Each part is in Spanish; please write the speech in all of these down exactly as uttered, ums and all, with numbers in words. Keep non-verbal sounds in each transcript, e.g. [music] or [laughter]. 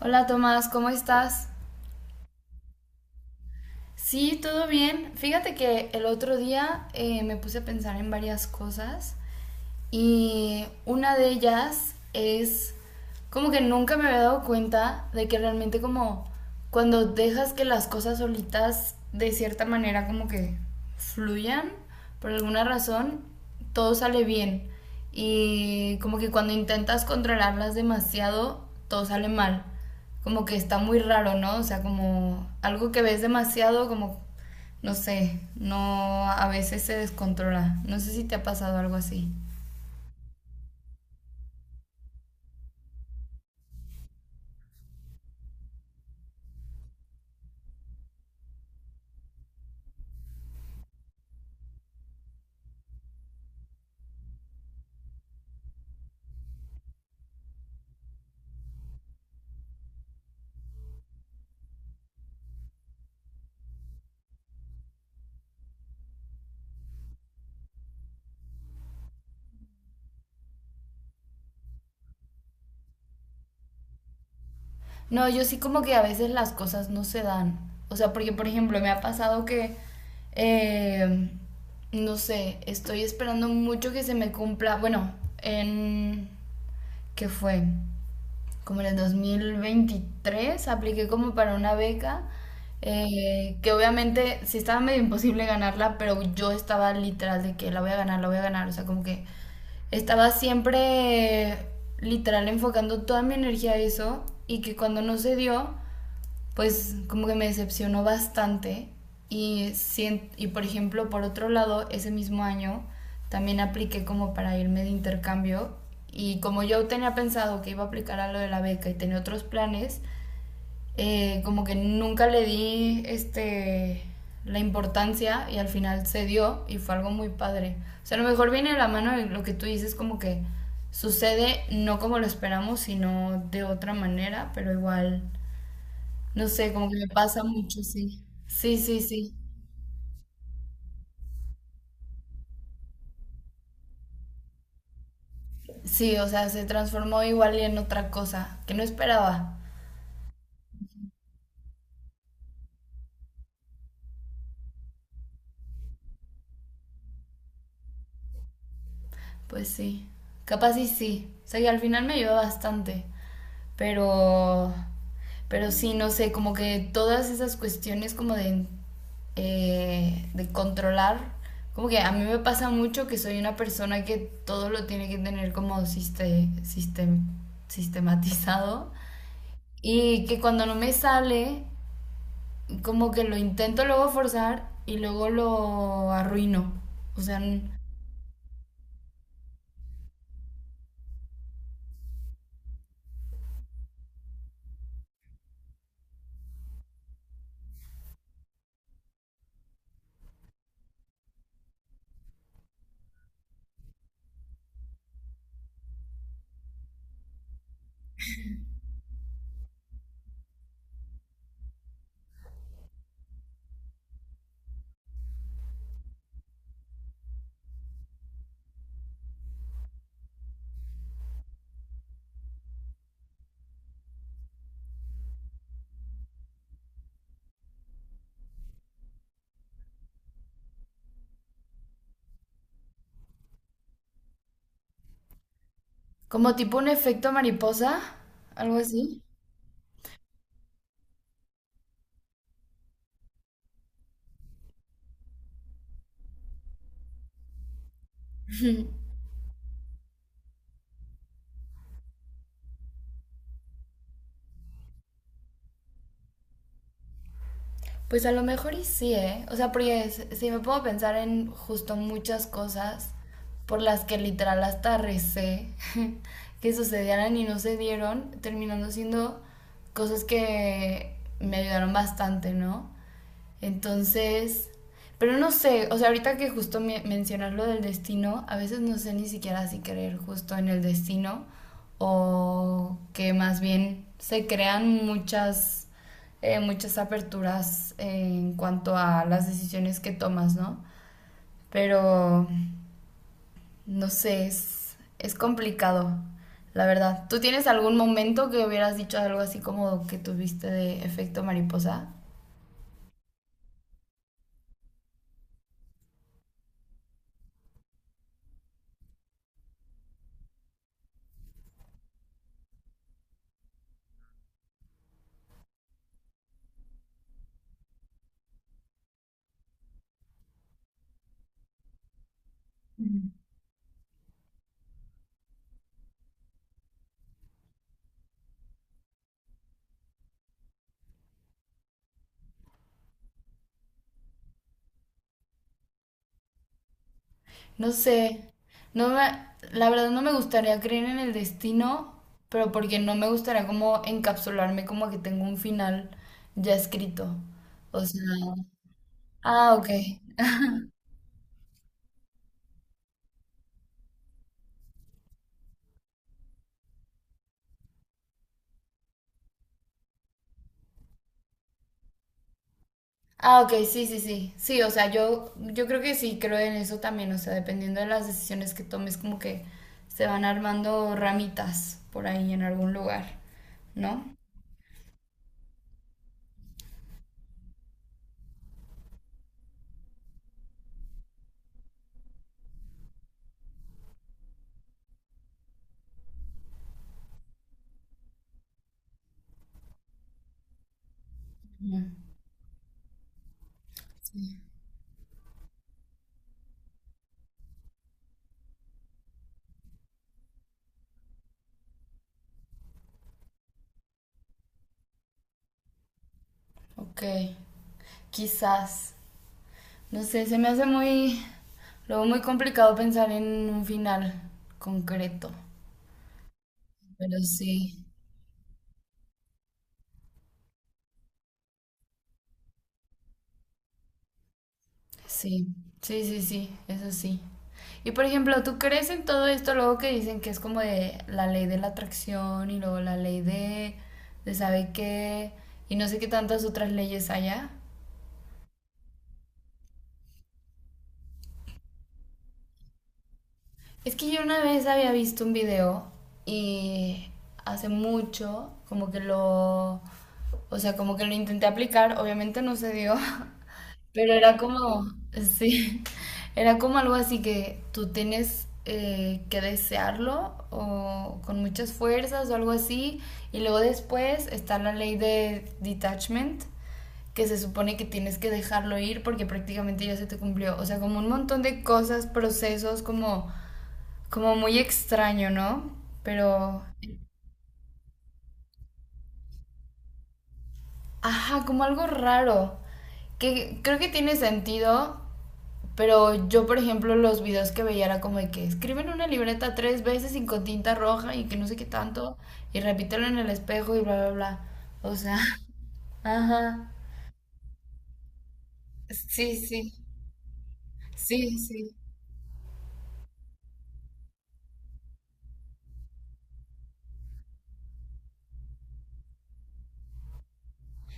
Hola Tomás, ¿cómo estás? Sí, todo bien. Fíjate que el otro día eh, me puse a pensar en varias cosas y una de ellas es como que nunca me había dado cuenta de que realmente como cuando dejas que las cosas solitas de cierta manera como que fluyan por alguna razón, todo sale bien. Y como que cuando intentas controlarlas demasiado, todo sale mal. Como que está muy raro, ¿no? O sea, como algo que ves demasiado, como, no sé, no, a veces se descontrola. No sé si te ha pasado algo así. No, yo sí como que a veces las cosas no se dan. O sea, porque por ejemplo me ha pasado que, eh, no sé, estoy esperando mucho que se me cumpla, bueno, en... ¿Qué fue? Como en el dos mil veintitrés, apliqué como para una beca, eh, que obviamente sí estaba medio imposible ganarla, pero yo estaba literal de que la voy a ganar, la voy a ganar, o sea, como que estaba siempre eh, literal enfocando toda mi energía a eso y que cuando no se dio pues como que me decepcionó bastante. Y, sien- y por ejemplo, por otro lado, ese mismo año también apliqué como para irme de intercambio. Y como yo tenía pensado que iba a aplicar a lo de la beca y tenía otros planes, eh, como que nunca le di este, la importancia y al final se dio y fue algo muy padre. O sea, a lo mejor viene de la mano de lo que tú dices, como que sucede no como lo esperamos, sino de otra manera, pero igual no sé, como que me pasa mucho, sí. Sí, sí, sí. Sí, o sea, se transformó igual y en otra cosa que no esperaba. Pues sí. Capaz y sí. O sea, que al final me ayudó bastante. Pero. Pero sí, no sé, como que todas esas cuestiones como de eh, de controlar. Como que a mí me pasa mucho que soy una persona que todo lo tiene que tener como siste- sistem- sistematizado. Y que cuando no me sale como que lo intento luego forzar y luego lo arruino. O sea, n- como tipo un efecto mariposa, algo así. Pues a lo mejor y sí, ¿eh? O sea, porque s- si me puedo pensar en justo muchas cosas por las que literal hasta recé [laughs] que sucedieran y no se dieron, terminando siendo cosas que me ayudaron bastante, ¿no? Entonces, pero no sé, o sea, ahorita que justo me mencionas lo del destino, a veces no sé ni siquiera si creer justo en el destino o que más bien se crean muchas, eh, muchas aperturas en cuanto a las decisiones que tomas, ¿no? Pero, no sé, es, es complicado, la verdad. ¿Tú tienes algún momento que hubieras dicho algo así como que tuviste de efecto mariposa? No sé, no me, la verdad no me gustaría creer en el destino, pero porque no me gustaría como encapsularme como que tengo un final ya escrito. O sea, ah, ok. Ah, ok, sí, sí, sí. Sí, o sea, yo, yo creo que sí creo en eso también, o sea, dependiendo de las decisiones que tomes, como que se van armando ramitas por ahí en algún lugar, ¿no? Ujú. Sí. Ok, quizás. No sé, se me hace muy, luego muy complicado pensar en un final concreto, pero sí, sí, sí, sí, sí, eso sí. Y por ejemplo, ¿tú crees en todo esto luego que dicen que es como de la ley de la atracción y luego la ley de, de sabe qué y no sé qué tantas otras leyes haya? Es que yo una vez había visto un video y hace mucho como que lo, o sea, como que lo intenté aplicar, obviamente no se dio. [laughs] Pero era como, sí, [laughs] era como algo así que tú tienes eh, que desearlo o con muchas fuerzas o algo así. Y luego después está la ley de detachment, que se supone que tienes que dejarlo ir porque prácticamente ya se te cumplió. O sea, como un montón de cosas, procesos, como, como muy extraño, ¿no? Pero, ajá, como algo raro que creo que tiene sentido. Pero yo, por ejemplo, los videos que veía era como de que escriben una libreta tres veces y con tinta roja y que no sé qué tanto y repítelo en el espejo y bla, bla, bla. O sea, [laughs] ajá. Sí, sí. Sí, sí.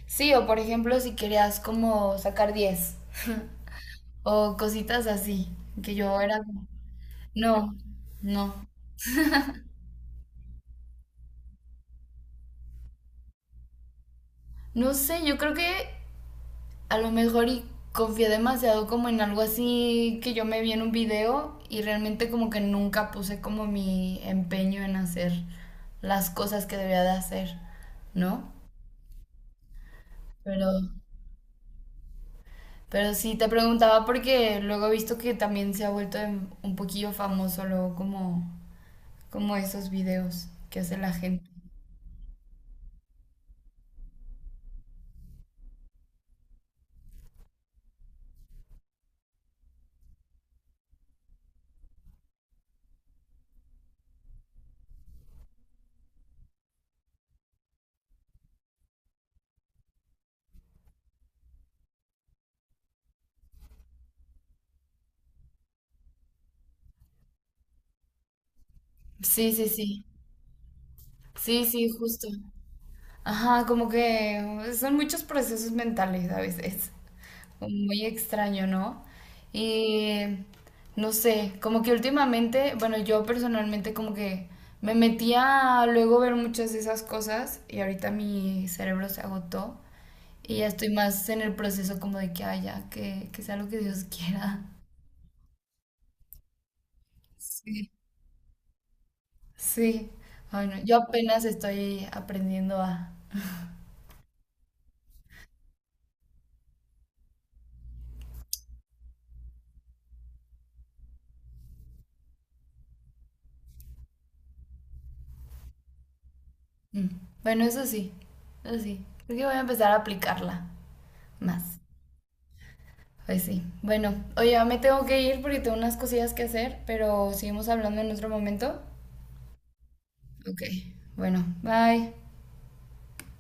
Sí, o por ejemplo, si querías como sacar diez o cositas así, que yo era como, no, no. No sé, yo creo que a lo mejor y confié demasiado como en algo así que yo me vi en un video y realmente como que nunca puse como mi empeño en hacer las cosas que debería de hacer, ¿no? Pero, pero sí te preguntaba porque luego he visto que también se ha vuelto en- un poquillo famoso luego como, como esos videos que hace la gente. Sí, sí, sí. Sí, sí, justo. Ajá, como que son muchos procesos mentales a veces. [laughs] Muy extraño, ¿no? Y no sé, como que últimamente, bueno, yo personalmente como que me metía a luego ver muchas de esas cosas y ahorita mi cerebro se agotó y ya estoy más en el proceso como de que haya, que, que sea lo que Dios quiera. Sí. Sí, bueno, yo apenas estoy aprendiendo a... Mm. Bueno, eso sí, eso sí. Creo que voy a empezar a aplicarla. Más. Pues sí. Bueno, oye, ya me tengo que ir porque tengo unas cosillas que hacer, pero seguimos hablando en otro momento. Ok. Bueno, bye.